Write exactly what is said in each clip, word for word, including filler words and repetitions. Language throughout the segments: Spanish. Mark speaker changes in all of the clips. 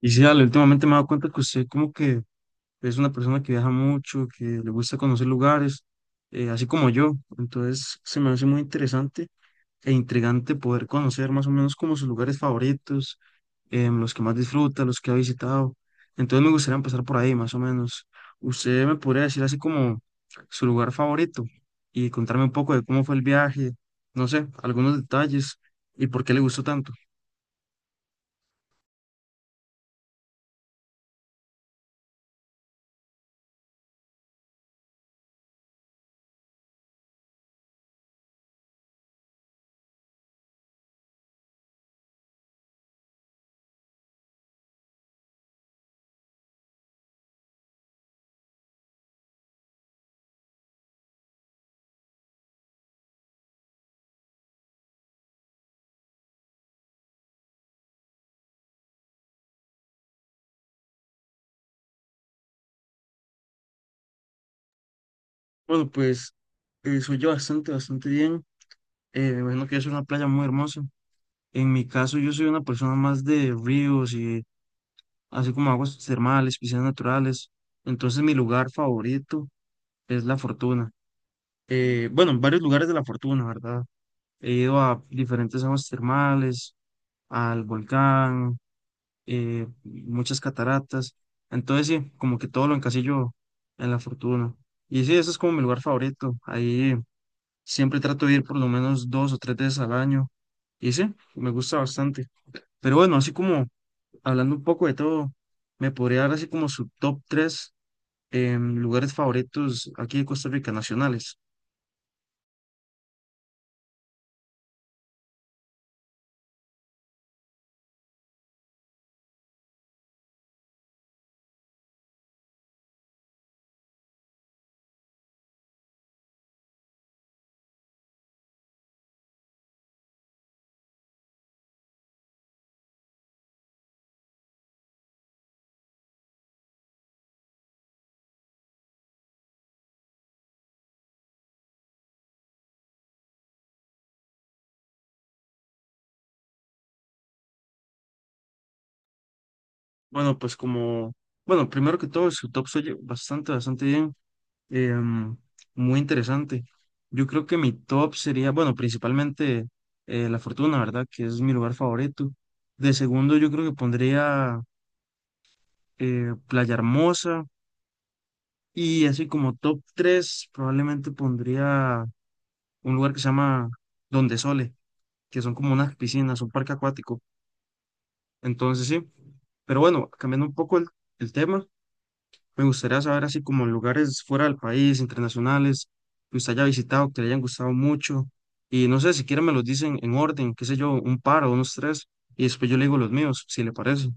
Speaker 1: Y sí, Ale, últimamente me he dado cuenta que usted como que es una persona que viaja mucho, que le gusta conocer lugares, eh, así como yo. Entonces se me hace muy interesante e intrigante poder conocer más o menos como sus lugares favoritos, em, los que más disfruta, los que ha visitado. Entonces me gustaría empezar por ahí, más o menos. ¿Usted me podría decir así como su lugar favorito y contarme un poco de cómo fue el viaje, no sé, algunos detalles y por qué le gustó tanto? Bueno, pues... Eh, soy yo bastante, bastante bien. Eh, me imagino que es una playa muy hermosa. En mi caso, yo soy una persona más de ríos y así como aguas termales, piscinas naturales. Entonces, mi lugar favorito es La Fortuna. Eh, bueno, en varios lugares de La Fortuna, ¿verdad? He ido a diferentes aguas termales, al volcán, eh, muchas cataratas. Entonces, sí, como que todo lo encasillo en La Fortuna. Y sí, ese es como mi lugar favorito. Ahí. Siempre trato de ir por lo menos dos o tres veces al año. Y sí, me gusta bastante. Pero bueno, así como hablando un poco de todo, me podría dar así como su top tres em, lugares favoritos aquí de Costa Rica nacionales. Bueno, pues como, bueno, primero que todo, su top se oye bastante, bastante bien. em, muy interesante. Yo creo que mi top sería, bueno, principalmente eh, La Fortuna, ¿verdad? Que es mi lugar favorito. De segundo, yo creo que pondría eh, Playa Hermosa. Y así como top tres probablemente pondría un lugar que se llama Donde Sole, que son como unas piscinas, un parque acuático. Entonces sí, pero bueno, cambiando un poco el, el tema, me gustaría saber así como lugares fuera del país, internacionales, que usted haya visitado, que le hayan gustado mucho. Y no sé, si quieren me los dicen en orden, qué sé yo, un par o unos tres, y después yo le digo los míos, si le parece.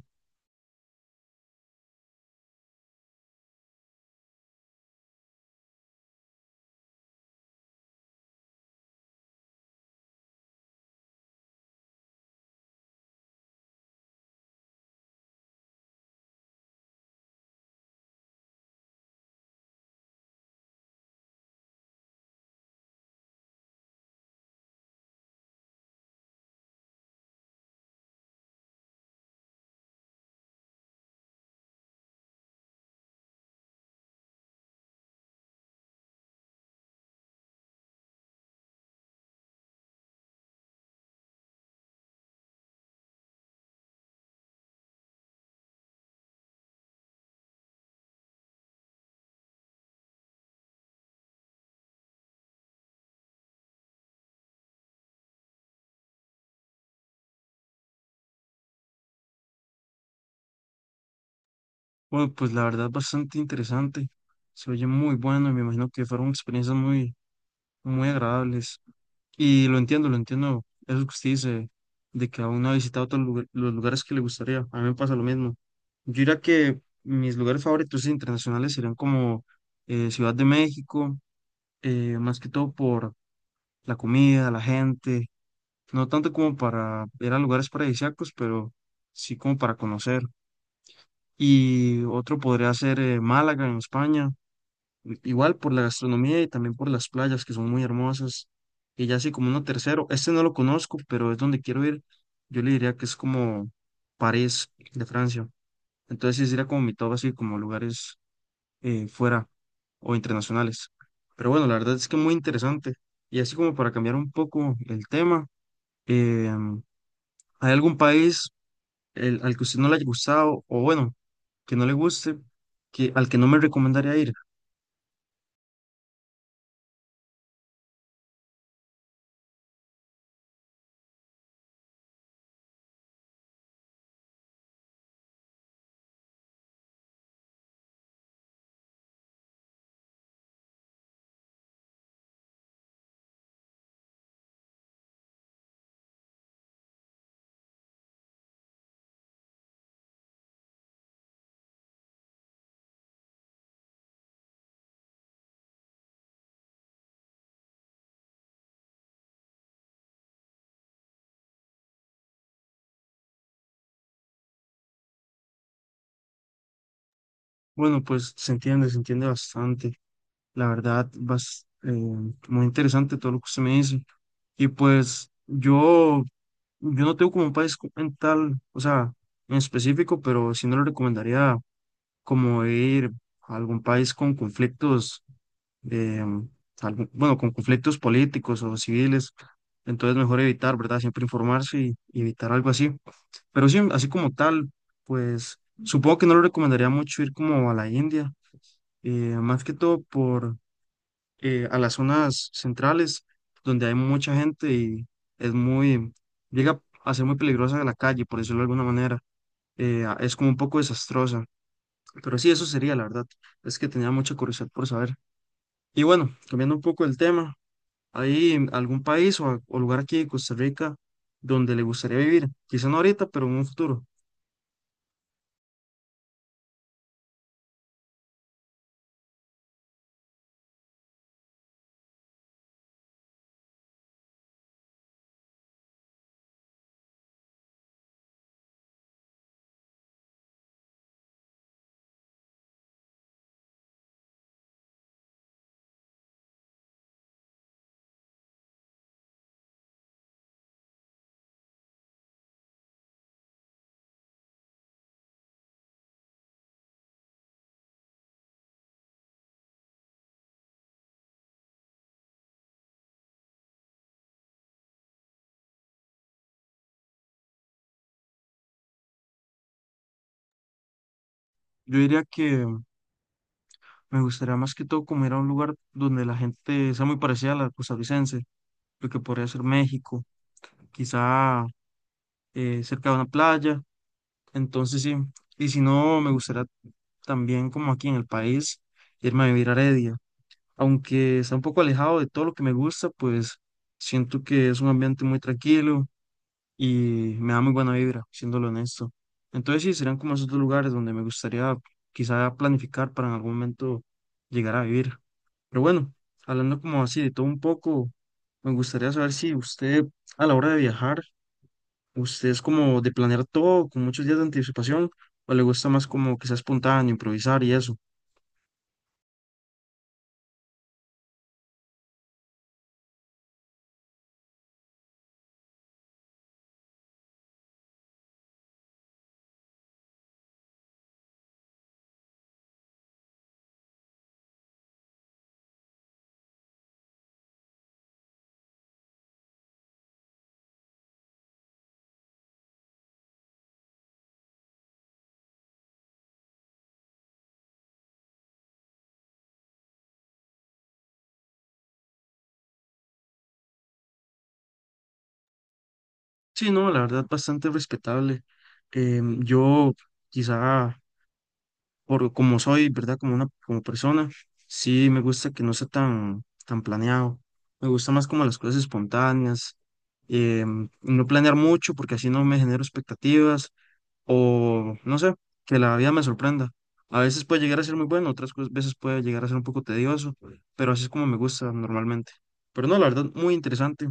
Speaker 1: Bueno, pues la verdad bastante interesante. Se oye muy bueno y me imagino que fueron experiencias muy, muy agradables. Y lo entiendo, lo entiendo. Eso que usted dice, de que aún no ha visitado todos los lugar- los lugares que le gustaría. A mí me pasa lo mismo. Yo diría que mis lugares favoritos internacionales serían como eh, Ciudad de México, eh, más que todo por la comida, la gente, no tanto como para ir a lugares paradisíacos, pero sí como para conocer. Y otro podría ser eh, Málaga en España i- Igual por la gastronomía y también por las playas que son muy hermosas. Y ya así como uno tercero, este no lo conozco, pero es donde quiero ir. Yo le diría que es como París de Francia. Entonces sí sería como mi top así como lugares eh, fuera o internacionales. Pero bueno, la verdad es que muy interesante. Y así como para cambiar un poco el tema, eh, ¿hay algún país el- al que usted no le haya gustado o bueno, que no le guste, que, al que no me recomendaría ir? Bueno, pues se entiende, se entiende bastante. La verdad, bas- eh, muy interesante todo lo que usted me dice. Y pues yo, yo no tengo como un país co- en tal, o sea, en específico, pero sí no le recomendaría como ir a algún país con conflictos, eh, algún- bueno, con conflictos políticos o civiles. Entonces mejor evitar, ¿verdad? Siempre informarse y, y evitar algo así. Pero sí, así como tal, pues supongo que no le recomendaría mucho ir como a la India, eh, más que todo por eh, a las zonas centrales donde hay mucha gente y es muy, llega a ser muy peligrosa la calle, por decirlo de alguna manera. Eh, a- es como un poco desastrosa. Pero sí, eso sería, la verdad. Es que tenía mucha curiosidad por saber. Y bueno, cambiando un poco el tema, ¿hay algún país o, o lugar aquí de Costa Rica donde le gustaría vivir? Quizá no ahorita, pero en un futuro. Yo diría que me gustaría más que todo como ir a un lugar donde la gente sea muy parecida a la costarricense, lo que podría ser México, quizá eh, cerca de una playa. Entonces sí, y si no, me gustaría también como aquí en el país irme a vivir a Heredia. Aunque está un poco alejado de todo lo que me gusta, pues siento que es un ambiente muy tranquilo y me da muy buena vibra, siéndolo honesto. Entonces sí, serían como esos dos lugares donde me gustaría quizá planificar para en algún momento llegar a vivir. Pero bueno, hablando como así de todo un poco, me gustaría saber si usted a la hora de viajar ¿usted es como de planear todo con muchos días de anticipación o le gusta más como que sea espontáneo, improvisar y eso? Sí, no, la verdad bastante respetable. Em, yo quizá por como soy, ¿verdad? Como una como persona, sí me gusta que no sea tan tan planeado. Me gusta más como las cosas espontáneas, em, no planear mucho porque así no me genero expectativas o no sé, que la vida me sorprenda. A veces puede llegar a ser muy bueno, otras cos- veces puede llegar a ser un poco tedioso, pero así es como me gusta normalmente. Pero no, la verdad, muy interesante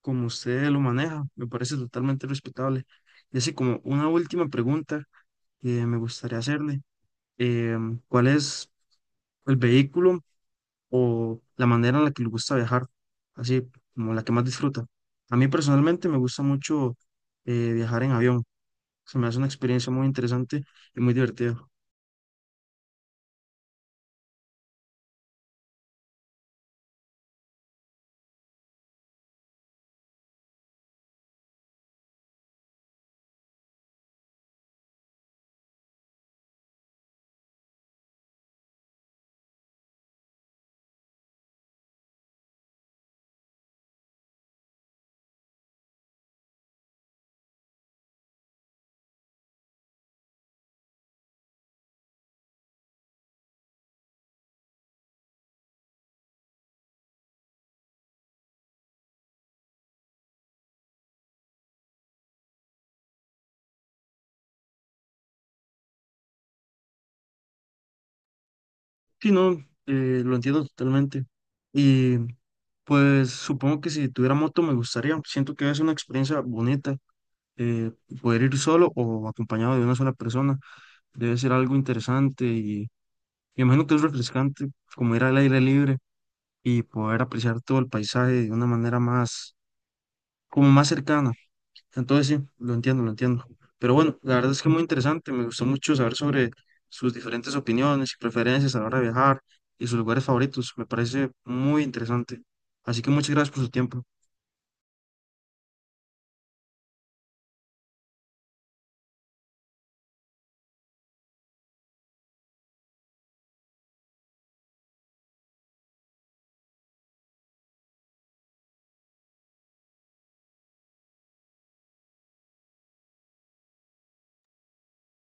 Speaker 1: como usted lo maneja, me parece totalmente respetable. Y así como una última pregunta que me gustaría hacerle, em, ¿cuál es el vehículo o la manera en la que le gusta viajar? Así como la que más disfruta. A mí personalmente me gusta mucho eh, viajar en avión. Se me hace una experiencia muy interesante y muy divertida. Sí, no, eh, lo entiendo totalmente. Y pues supongo que si tuviera moto me gustaría. Siento que es una experiencia bonita. eh, Poder ir solo o acompañado de una sola persona debe ser algo interesante y me imagino que es refrescante, como ir al aire libre y poder apreciar todo el paisaje de una manera más, como más cercana. Entonces sí, lo entiendo, lo entiendo. Pero bueno, la verdad es que muy interesante, me gustó mucho saber sobre sus diferentes opiniones y preferencias a la hora de viajar y sus lugares favoritos, me parece muy interesante. Así que muchas gracias por su tiempo.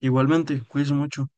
Speaker 1: Igualmente, cuídense mucho.